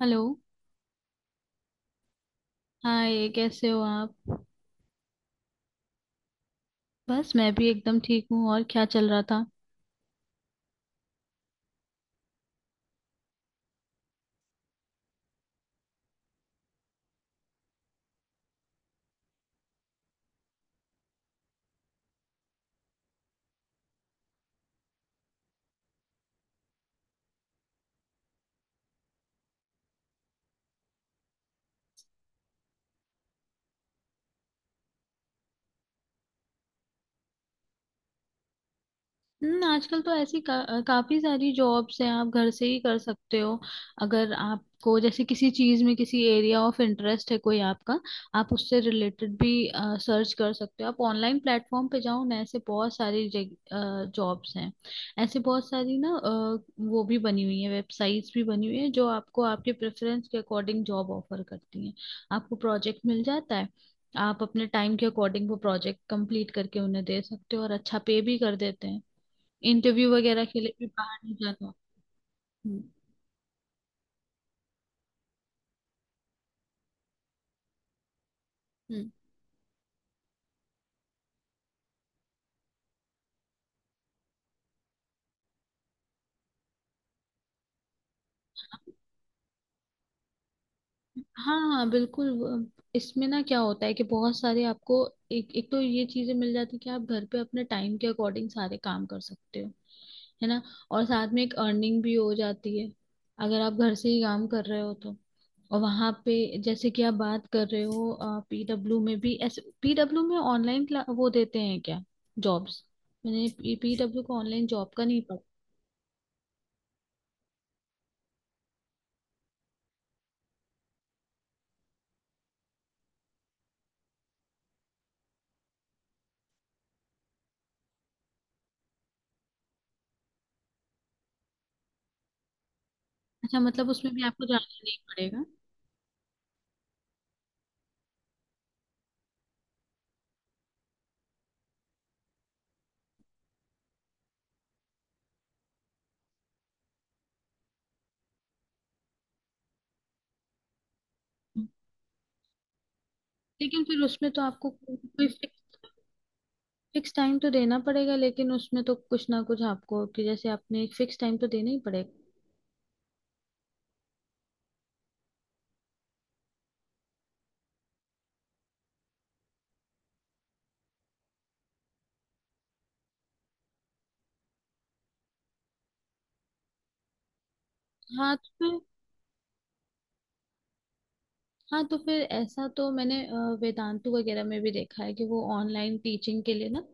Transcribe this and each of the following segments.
Hello. Hi, कैसे हो आप। बस मैं भी एकदम ठीक हूँ। और क्या चल रहा था। हम्म, आजकल तो ऐसी का, काफी सारी जॉब्स हैं, आप घर से ही कर सकते हो। अगर आपको जैसे किसी चीज में किसी एरिया ऑफ इंटरेस्ट है कोई आपका, आप उससे रिलेटेड भी सर्च कर सकते हो। आप ऑनलाइन प्लेटफॉर्म पे जाओ ना, ऐसे बहुत सारी जॉब्स हैं। ऐसे बहुत सारी ना वो भी बनी हुई है, वेबसाइट्स भी बनी हुई है जो आपको आपके प्रेफरेंस के अकॉर्डिंग जॉब ऑफर करती हैं। आपको प्रोजेक्ट मिल जाता है, आप अपने टाइम के अकॉर्डिंग वो प्रोजेक्ट कंप्लीट करके उन्हें दे सकते हो, और अच्छा पे भी कर देते हैं। इंटरव्यू वगैरह के लिए भी बाहर नहीं जाता। हम्म। हम्म। हाँ हाँ बिल्कुल वो-। इसमें ना क्या होता है कि बहुत सारे आपको एक एक तो ये चीजें मिल जाती कि आप घर पे अपने टाइम के अकॉर्डिंग सारे काम कर सकते हो, है ना। और साथ में एक अर्निंग भी हो जाती है अगर आप घर से ही काम कर रहे हो तो। और वहां पे जैसे कि आप बात कर रहे हो पीडब्ल्यू में भी, ऐसे पीडब्ल्यू में ऑनलाइन वो देते हैं क्या जॉब्स? मैंने पीडब्ल्यू को ऑनलाइन जॉब का नहीं पता। अच्छा, मतलब उसमें भी आपको जाना नहीं पड़ेगा। लेकिन फिर उसमें तो आपको कोई फिक्स फिक्स टाइम तो देना पड़ेगा। लेकिन उसमें तो कुछ ना कुछ आपको कि जैसे आपने एक फिक्स टाइम तो देना ही पड़ेगा। हाँ तो फिर, हाँ तो फिर ऐसा तो मैंने वेदांतु वगैरह में भी देखा है कि वो ऑनलाइन टीचिंग के लिए ना।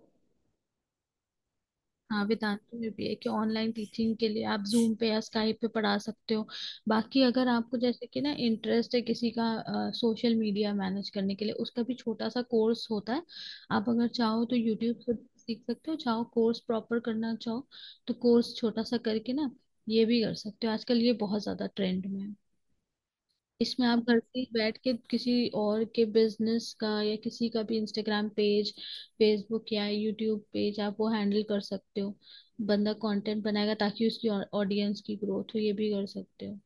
हाँ वेदांतों में भी है कि ऑनलाइन टीचिंग के लिए आप जूम पे या स्काइप पे पढ़ा सकते हो। बाकी अगर आपको जैसे कि ना इंटरेस्ट है किसी का, सोशल मीडिया मैनेज करने के लिए उसका भी छोटा सा कोर्स होता है। आप अगर चाहो तो यूट्यूब से सीख सकते हो, चाहो कोर्स प्रॉपर करना चाहो तो कोर्स छोटा सा करके ना ये भी कर सकते हो। आजकल ये बहुत ज्यादा ट्रेंड में है। इसमें आप घर से ही बैठ के किसी और के बिजनेस का या किसी का भी इंस्टाग्राम पेज, फेसबुक या यूट्यूब पेज आप वो हैंडल कर सकते हो। बंदा कंटेंट बनाएगा ताकि उसकी ऑडियंस की ग्रोथ हो, ये भी कर सकते हो।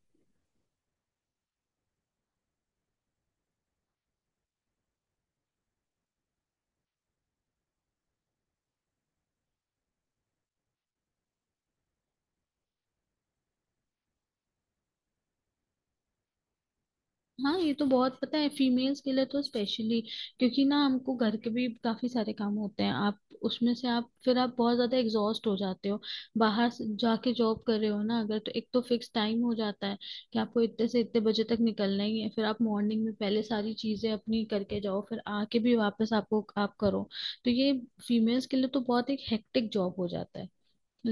हाँ ये तो बहुत पता है, फीमेल्स के लिए तो स्पेशली, क्योंकि ना हमको घर के भी काफी सारे काम होते हैं। आप उसमें से आप फिर आप बहुत ज्यादा एग्जॉस्ट हो जाते हो। बाहर से जाके जॉब कर रहे हो ना अगर, तो एक तो फिक्स टाइम हो जाता है कि आपको इतने से इतने बजे तक निकलना ही है। फिर आप मॉर्निंग में पहले सारी चीजें अपनी करके जाओ, फिर आके भी वापस आपको आप करो। तो ये फीमेल्स के लिए तो बहुत एक हेक्टिक जॉब हो जाता है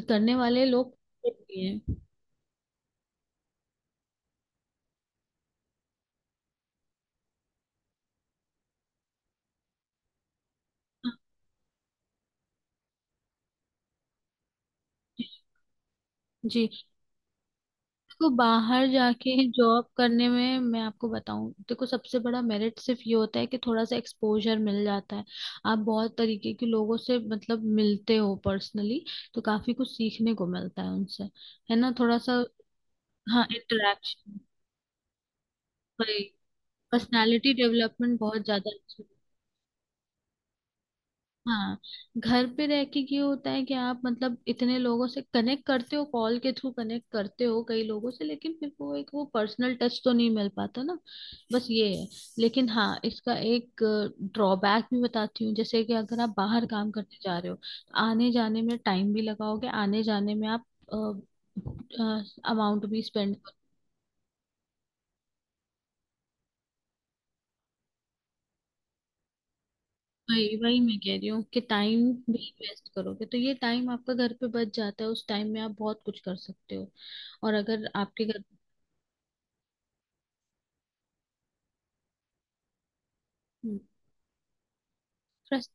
करने वाले लोग होती हैं। हाँ, जी। तो बाहर जाके जॉब करने में मैं आपको बताऊं, देखो सबसे बड़ा मेरिट सिर्फ ये होता है कि थोड़ा सा एक्सपोजर मिल जाता है। आप बहुत तरीके के लोगों से मतलब मिलते हो पर्सनली, तो काफी कुछ सीखने को मिलता है उनसे, है ना, थोड़ा सा। हाँ, इंटरेक्शन, पर्सनालिटी डेवलपमेंट बहुत ज्यादा। हाँ। घर पे रह के ये होता है कि आप मतलब इतने लोगों से कनेक्ट करते हो, कॉल के थ्रू कनेक्ट करते हो कई लोगों से, लेकिन फिर वो एक वो पर्सनल टच तो नहीं मिल पाता ना, बस ये है। लेकिन हाँ इसका एक ड्रॉबैक भी बताती हूँ। जैसे कि अगर आप बाहर काम करने जा रहे हो तो आने जाने में टाइम भी लगाओगे, आने जाने में आप अमाउंट भी स्पेंड। वही वही मैं कह रही हूँ कि टाइम भी इन्वेस्ट करोगे, तो ये टाइम आपका घर पे बच जाता है, उस टाइम में आप बहुत कुछ कर सकते हो। और अगर आपके घर, हम्म, बस।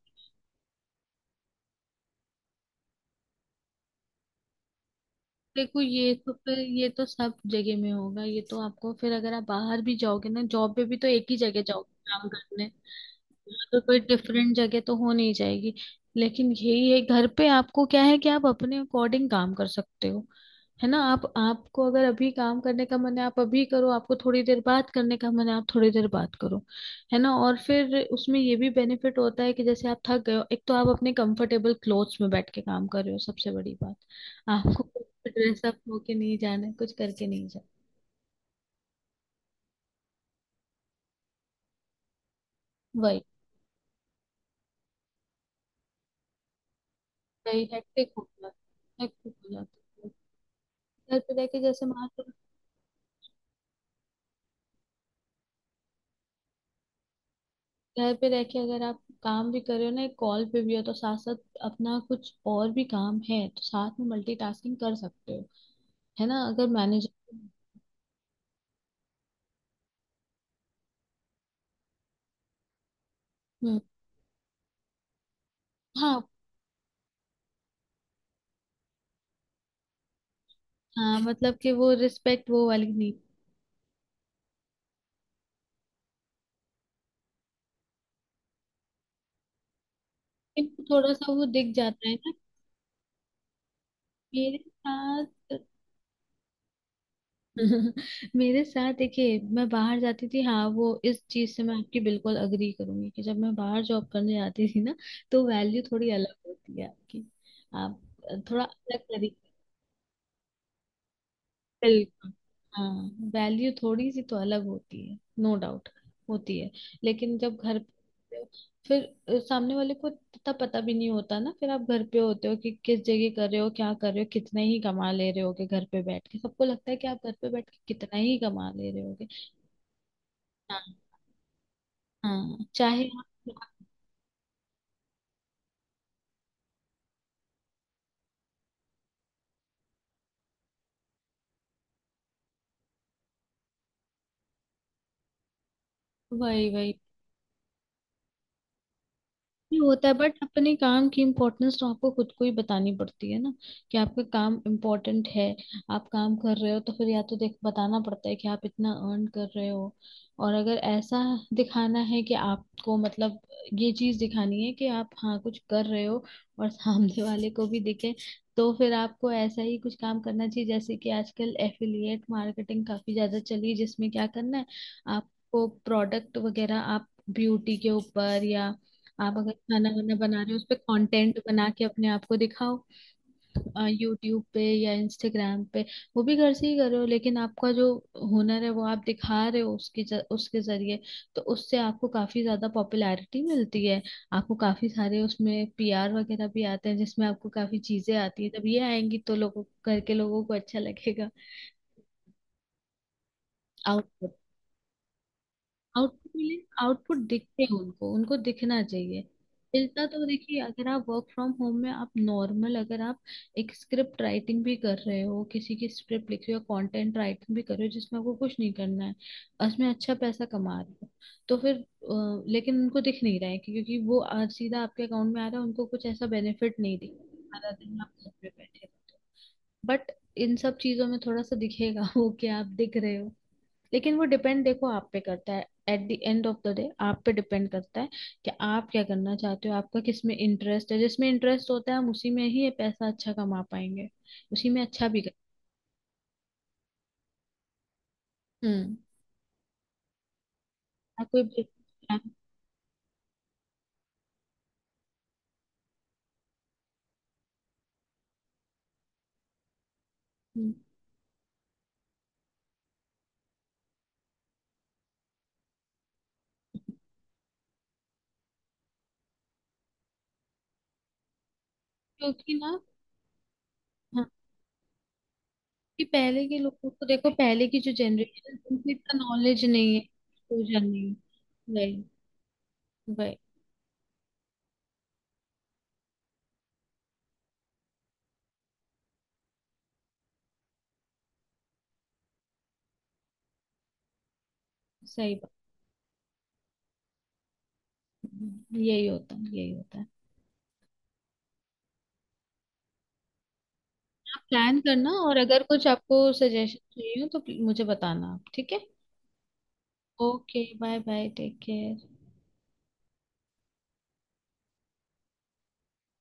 देखो ये तो फिर ये तो सब जगह में होगा, ये तो आपको फिर अगर आप बाहर भी जाओगे ना जॉब पे भी तो एक ही जगह जाओगे काम करने, यहाँ तो कोई डिफरेंट जगह तो हो नहीं जाएगी। लेकिन यही है घर पे आपको क्या है कि आप अपने अकॉर्डिंग काम कर सकते हो, है ना। आप आपको अगर अभी काम करने का मन है आप अभी करो, आपको थोड़ी देर बाद करने का मन है आप थोड़ी देर बाद करो, है ना। और फिर उसमें ये भी बेनिफिट होता है कि जैसे आप थक गए हो, एक तो आप अपने कंफर्टेबल क्लोथ्स में बैठ के काम कर रहे हो सबसे बड़ी बात, आपको ड्रेस अप होके नहीं जाना है, कुछ करके नहीं जाना। वही वही हेक्टिक हो जाता है, हेक्टिक हो जाता है। घर पे रह के जैसे मान लो, घर पे रह के अगर आप काम भी कर रहे हो ना, एक कॉल पे भी हो तो साथ साथ अपना कुछ और भी काम है तो साथ में मल्टीटास्किंग कर सकते हो, है ना। अगर मैनेजर। हम्म। हाँ। हाँ मतलब कि वो रिस्पेक्ट वो वाली नहीं, लेकिन थोड़ा सा वो दिख जाता है ना। मेरे साथ मेरे साथ देखिए, मैं बाहर जाती थी, हाँ वो इस चीज से मैं आपकी बिल्कुल अग्री करूंगी कि जब मैं बाहर जॉब करने जाती थी ना तो वैल्यू थोड़ी अलग होती है आपकी। आप थोड़ा अलग तरीके। बिल्कुल। हाँ, वैल्यू थोड़ी सी तो अलग होती है नो डाउट, होती है। लेकिन जब घर पे होते हो, फिर सामने वाले को इतना पता भी नहीं होता ना, फिर आप घर पे होते हो कि किस जगह कर रहे हो, क्या कर रहे हो, कितना ही कमा ले रहे होगे। घर पे बैठ के सबको लगता है कि आप घर पे बैठ के कितना ही कमा ले रहे होगे। हाँ। हाँ चाहे आप, वही वही। ये होता है, बट अपने काम की इम्पोर्टेंस तो आपको खुद को ही बतानी पड़ती है ना कि आपका काम इम्पोर्टेंट है। आप काम कर रहे हो तो फिर या तो देख बताना पड़ता है कि आप इतना अर्न कर रहे हो, और अगर ऐसा दिखाना है कि आपको मतलब ये चीज दिखानी है कि आप हाँ कुछ कर रहे हो और सामने वाले को भी दिखे, तो फिर आपको ऐसा ही कुछ काम करना चाहिए। जैसे कि आजकल एफिलिएट मार्केटिंग काफी ज्यादा चली है, जिसमें क्या करना है आपको प्रोडक्ट वगैरह, आप ब्यूटी के ऊपर या आप अगर खाना वाना बना रहे हो उस पे कंटेंट बना के अपने आप को दिखाओ, यूट्यूब पे या इंस्टाग्राम पे। वो भी घर से ही कर रहे हो लेकिन आपका जो हुनर है वो आप दिखा रहे हो उसकी उसके जरिए। तो उससे आपको काफी ज्यादा पॉपुलैरिटी मिलती है, आपको काफी सारे उसमें पीआर वगैरह भी आते हैं जिसमें आपको काफी चीजें आती है। जब ये आएंगी तो लोगों करके लोगों को अच्छा लगेगा। आउट आउटपुट मिले, आउटपुट दिखते हैं उनको, उनको दिखना चाहिए। मिलता, तो देखिए अगर आप वर्क फ्रॉम होम में आप नॉर्मल अगर आप एक स्क्रिप्ट राइटिंग भी कर रहे हो, किसी की स्क्रिप्ट लिख रहे हो, कंटेंट राइटिंग भी कर रहे हो जिसमें आपको कुछ नहीं करना है, और उसमें अच्छा पैसा कमा रहे हो तो फिर लेकिन उनको दिख नहीं रहा है कि-, क्योंकि वो सीधा आपके अकाउंट में आ रहा है, उनको कुछ ऐसा बेनिफिट नहीं दिख रहा, सारा दिन आप घर पे बैठे रहते हो। बट इन सब चीजों में थोड़ा सा दिखेगा वो कि आप दिख रहे हो। लेकिन वो डिपेंड देखो आप पे करता है, at the end of the day आप पे डिपेंड करता है कि आप क्या करना चाहते हो, आपका किस में इंटरेस्ट है। जिसमें इंटरेस्ट होता है हम उसी में ही ये पैसा अच्छा कमा पाएंगे, उसी में अच्छा भी कर। हम्म। ना कोई business plan। हम्म। क्योंकि ना, हाँ कि पहले के लोगों को देखो, पहले की जो जनरेशन है उनको इतना नॉलेज नहीं है, एक्सपोजर नहीं है। वही वही। सही बात है। यही होता है, यही होता है। आप प्लान करना, और अगर कुछ आपको सजेशन चाहिए हो तो मुझे बताना आप, ठीक है। Okay bye bye, take care.